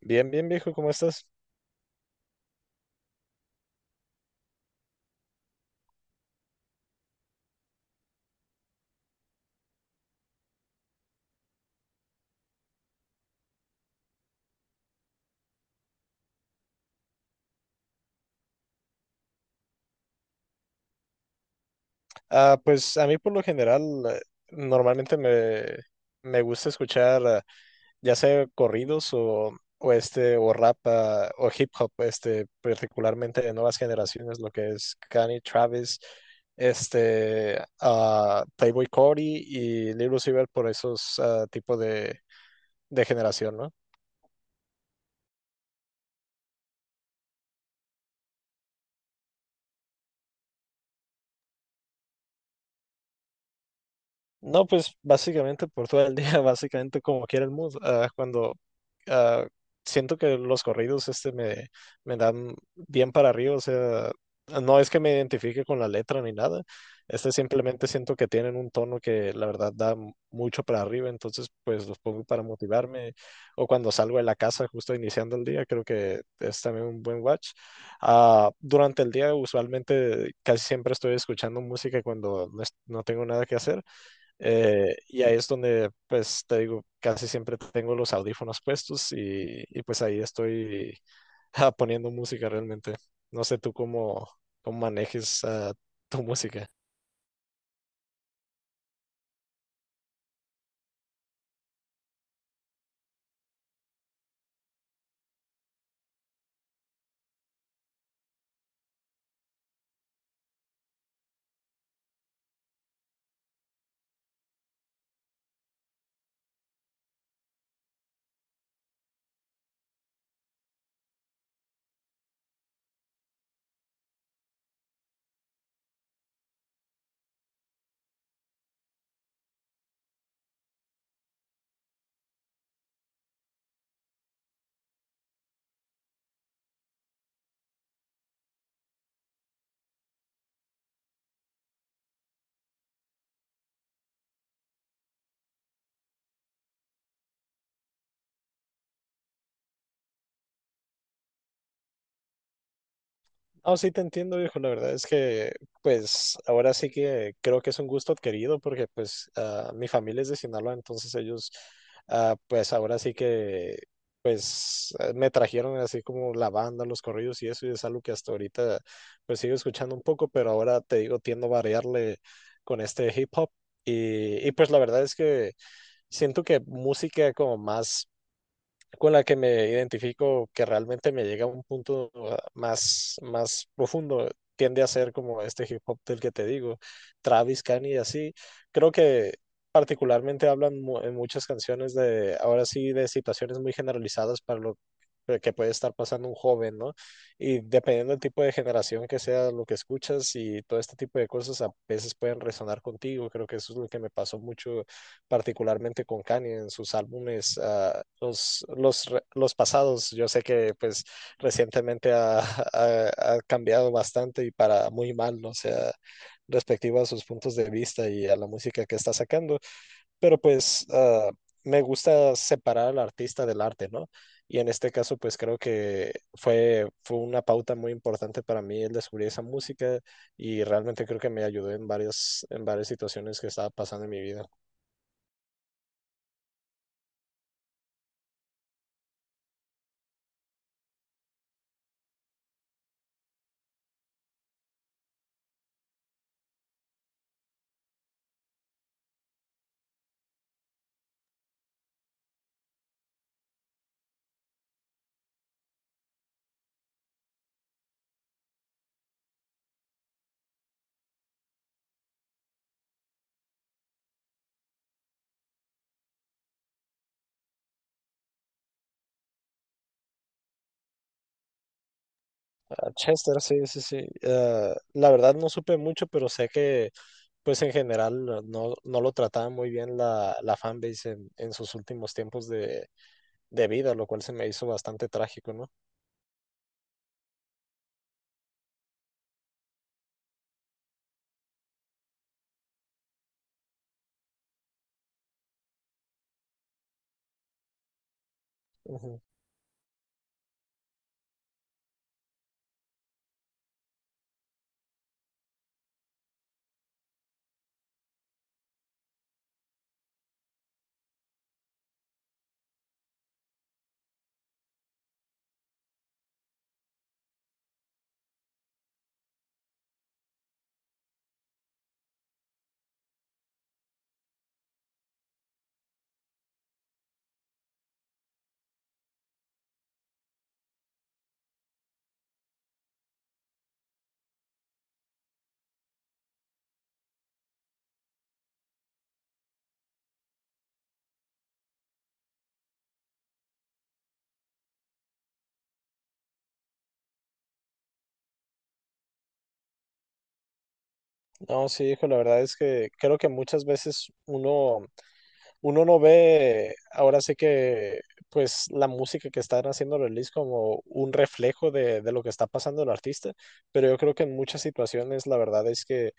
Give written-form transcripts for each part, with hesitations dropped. Bien, bien, viejo, ¿cómo estás? Ah, pues a mí por lo general eh, normalmente me gusta escuchar ya sea corridos o o rap o hip hop, este particularmente de nuevas generaciones, lo que es Kanye, Travis, Playboi Carti y Lil Uzi Vert por esos tipos de generación, ¿no? No, pues básicamente por todo el día, básicamente como quiera el mood. Ah, cuando ah, siento que los corridos me dan bien para arriba, o sea, no es que me identifique con la letra ni nada. Este, simplemente siento que tienen un tono que la verdad da mucho para arriba, entonces pues los pongo para motivarme o cuando salgo de la casa justo iniciando el día, creo que es también un buen watch. Ah, durante el día usualmente casi siempre estoy escuchando música cuando no, no tengo nada que hacer. Y ahí es donde, pues, te digo, casi siempre tengo los audífonos puestos y, pues ahí estoy poniendo música realmente. No sé tú cómo, cómo manejes tu música. No, sí te entiendo, viejo. La verdad es que, pues, ahora sí que creo que es un gusto adquirido porque, pues, ah, mi familia es de Sinaloa, entonces ellos, ah, pues, ahora sí que, pues, me trajeron así como la banda, los corridos y eso, y es algo que hasta ahorita, pues, sigo escuchando un poco, pero ahora te digo, tiendo a variarle con este hip hop. Y pues, la verdad es que siento que música como más con la que me identifico, que realmente me llega a un punto más, más profundo, tiende a ser como este hip hop del que te digo, Travis, Kanye así. Creo que particularmente hablan en muchas canciones de, ahora sí, de situaciones muy generalizadas para lo que puede estar pasando un joven, ¿no? Y dependiendo del tipo de generación que sea lo que escuchas y todo este tipo de cosas a veces pueden resonar contigo. Creo que eso es lo que me pasó mucho particularmente con Kanye en sus álbumes, los, los, los pasados. Yo sé que pues recientemente ha cambiado bastante y para muy mal, ¿no? O sea, respectivo a sus puntos de vista y a la música que está sacando, pero pues me gusta separar al artista del arte, ¿no? Y en este caso, pues creo que fue una pauta muy importante para mí el descubrir esa música y realmente creo que me ayudó en varias situaciones que estaba pasando en mi vida. Chester, sí, sí, sí. La verdad no supe mucho, pero sé que pues en general no, no lo trataba muy bien la fanbase en sus últimos tiempos de vida, lo cual se me hizo bastante trágico, ¿no? Ujú. No, sí, hijo, la verdad es que creo que muchas veces uno no ve, ahora sí que, pues la música que están haciendo el release como un reflejo de lo que está pasando el artista, pero yo creo que en muchas situaciones la verdad es que,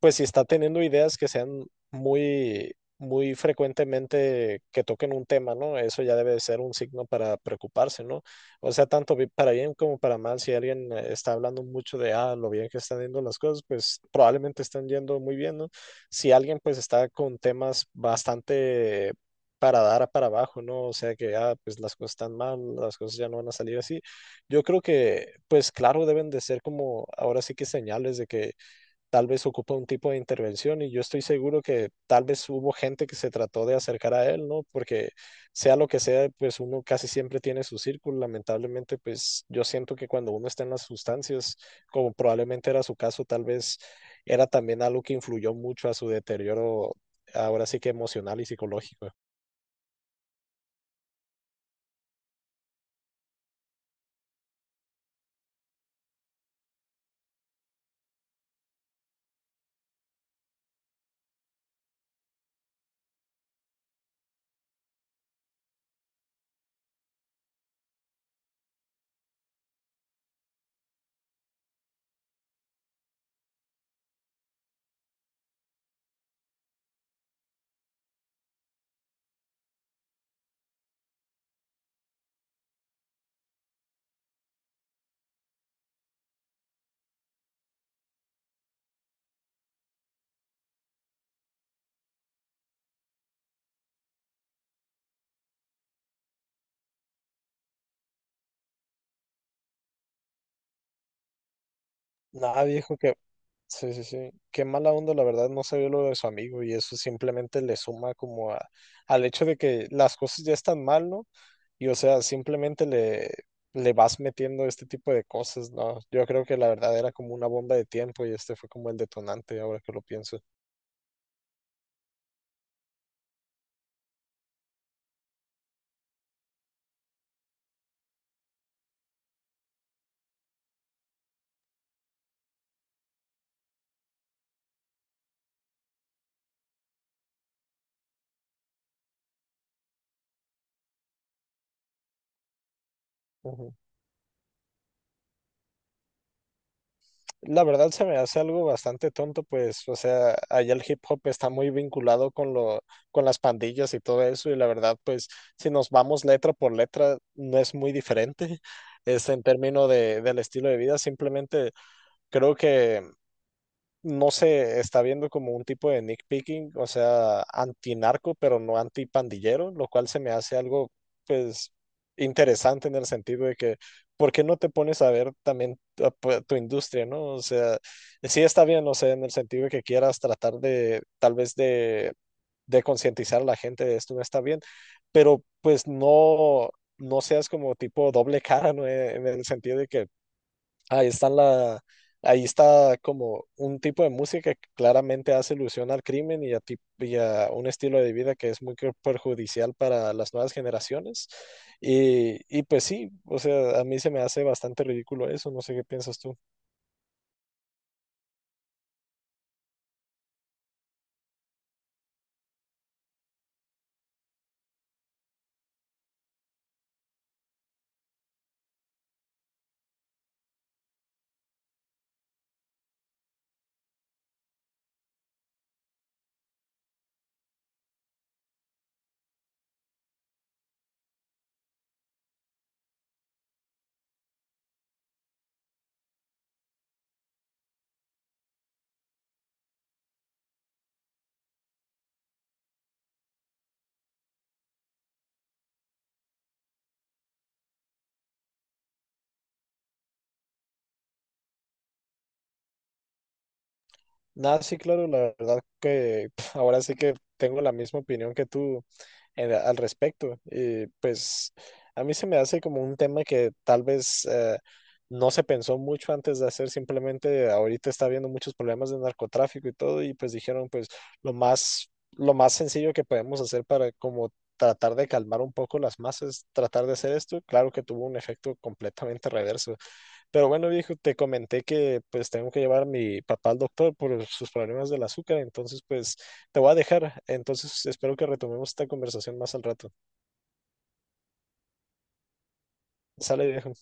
pues si está teniendo ideas que sean muy, muy frecuentemente que toquen un tema, ¿no? Eso ya debe de ser un signo para preocuparse, ¿no? O sea, tanto para bien como para mal, si alguien está hablando mucho de, ah, lo bien que están yendo las cosas, pues probablemente están yendo muy bien, ¿no? Si alguien pues está con temas bastante para dar a para abajo, ¿no? O sea que ya pues las cosas están mal, las cosas ya no van a salir así. Yo creo que pues claro deben de ser como ahora sí que señales de que tal vez ocupa un tipo de intervención y yo estoy seguro que tal vez hubo gente que se trató de acercar a él, ¿no? Porque sea lo que sea, pues uno casi siempre tiene su círculo. Lamentablemente, pues yo siento que cuando uno está en las sustancias, como probablemente era su caso, tal vez era también algo que influyó mucho a su deterioro, ahora sí que emocional y psicológico. Nada, viejo, que sí, sí, sí. Qué mala onda, la verdad, no sabía lo de su amigo y eso simplemente le suma como al hecho de que las cosas ya están mal, ¿no? Y o sea, le vas metiendo este tipo de cosas, ¿no? Yo creo que la verdad era como una bomba de tiempo y este fue como el detonante, ahora que lo pienso. La verdad se me hace algo bastante tonto, pues, o sea, allá el hip hop está muy vinculado con lo, con las pandillas y todo eso, y la verdad, pues, si nos vamos letra por letra, no es muy diferente, es en términos de, del estilo de vida, simplemente creo que no se está viendo como un tipo de nitpicking, o sea, antinarco, pero no antipandillero, lo cual se me hace algo, pues, interesante en el sentido de que, ¿por qué no te pones a ver también tu, tu industria, ¿no? O sea, sí está bien, o sea, en el sentido de que quieras tratar de, tal vez de concientizar a la gente de esto no está bien, pero pues no, no seas como tipo doble cara, ¿no? En el sentido de que ahí están la, ahí está como un tipo de música que claramente hace ilusión al crimen y a, y a un estilo de vida que es muy perjudicial para las nuevas generaciones. Y pues sí, o sea, a mí se me hace bastante ridículo eso, no sé qué piensas tú. Nada, sí, claro, la verdad que ahora sí que tengo la misma opinión que tú e, al respecto. Y pues a mí se me hace como un tema que tal vez no se pensó mucho antes de hacer, simplemente ahorita está habiendo muchos problemas de narcotráfico y todo, y pues dijeron pues lo más sencillo que podemos hacer para como tratar de calmar un poco las masas, tratar de hacer esto, claro que tuvo un efecto completamente reverso. Pero bueno, viejo, te comenté que pues tengo que llevar a mi papá al doctor por sus problemas del azúcar, entonces pues te voy a dejar. Entonces espero que retomemos esta conversación más al rato. Sale, viejo.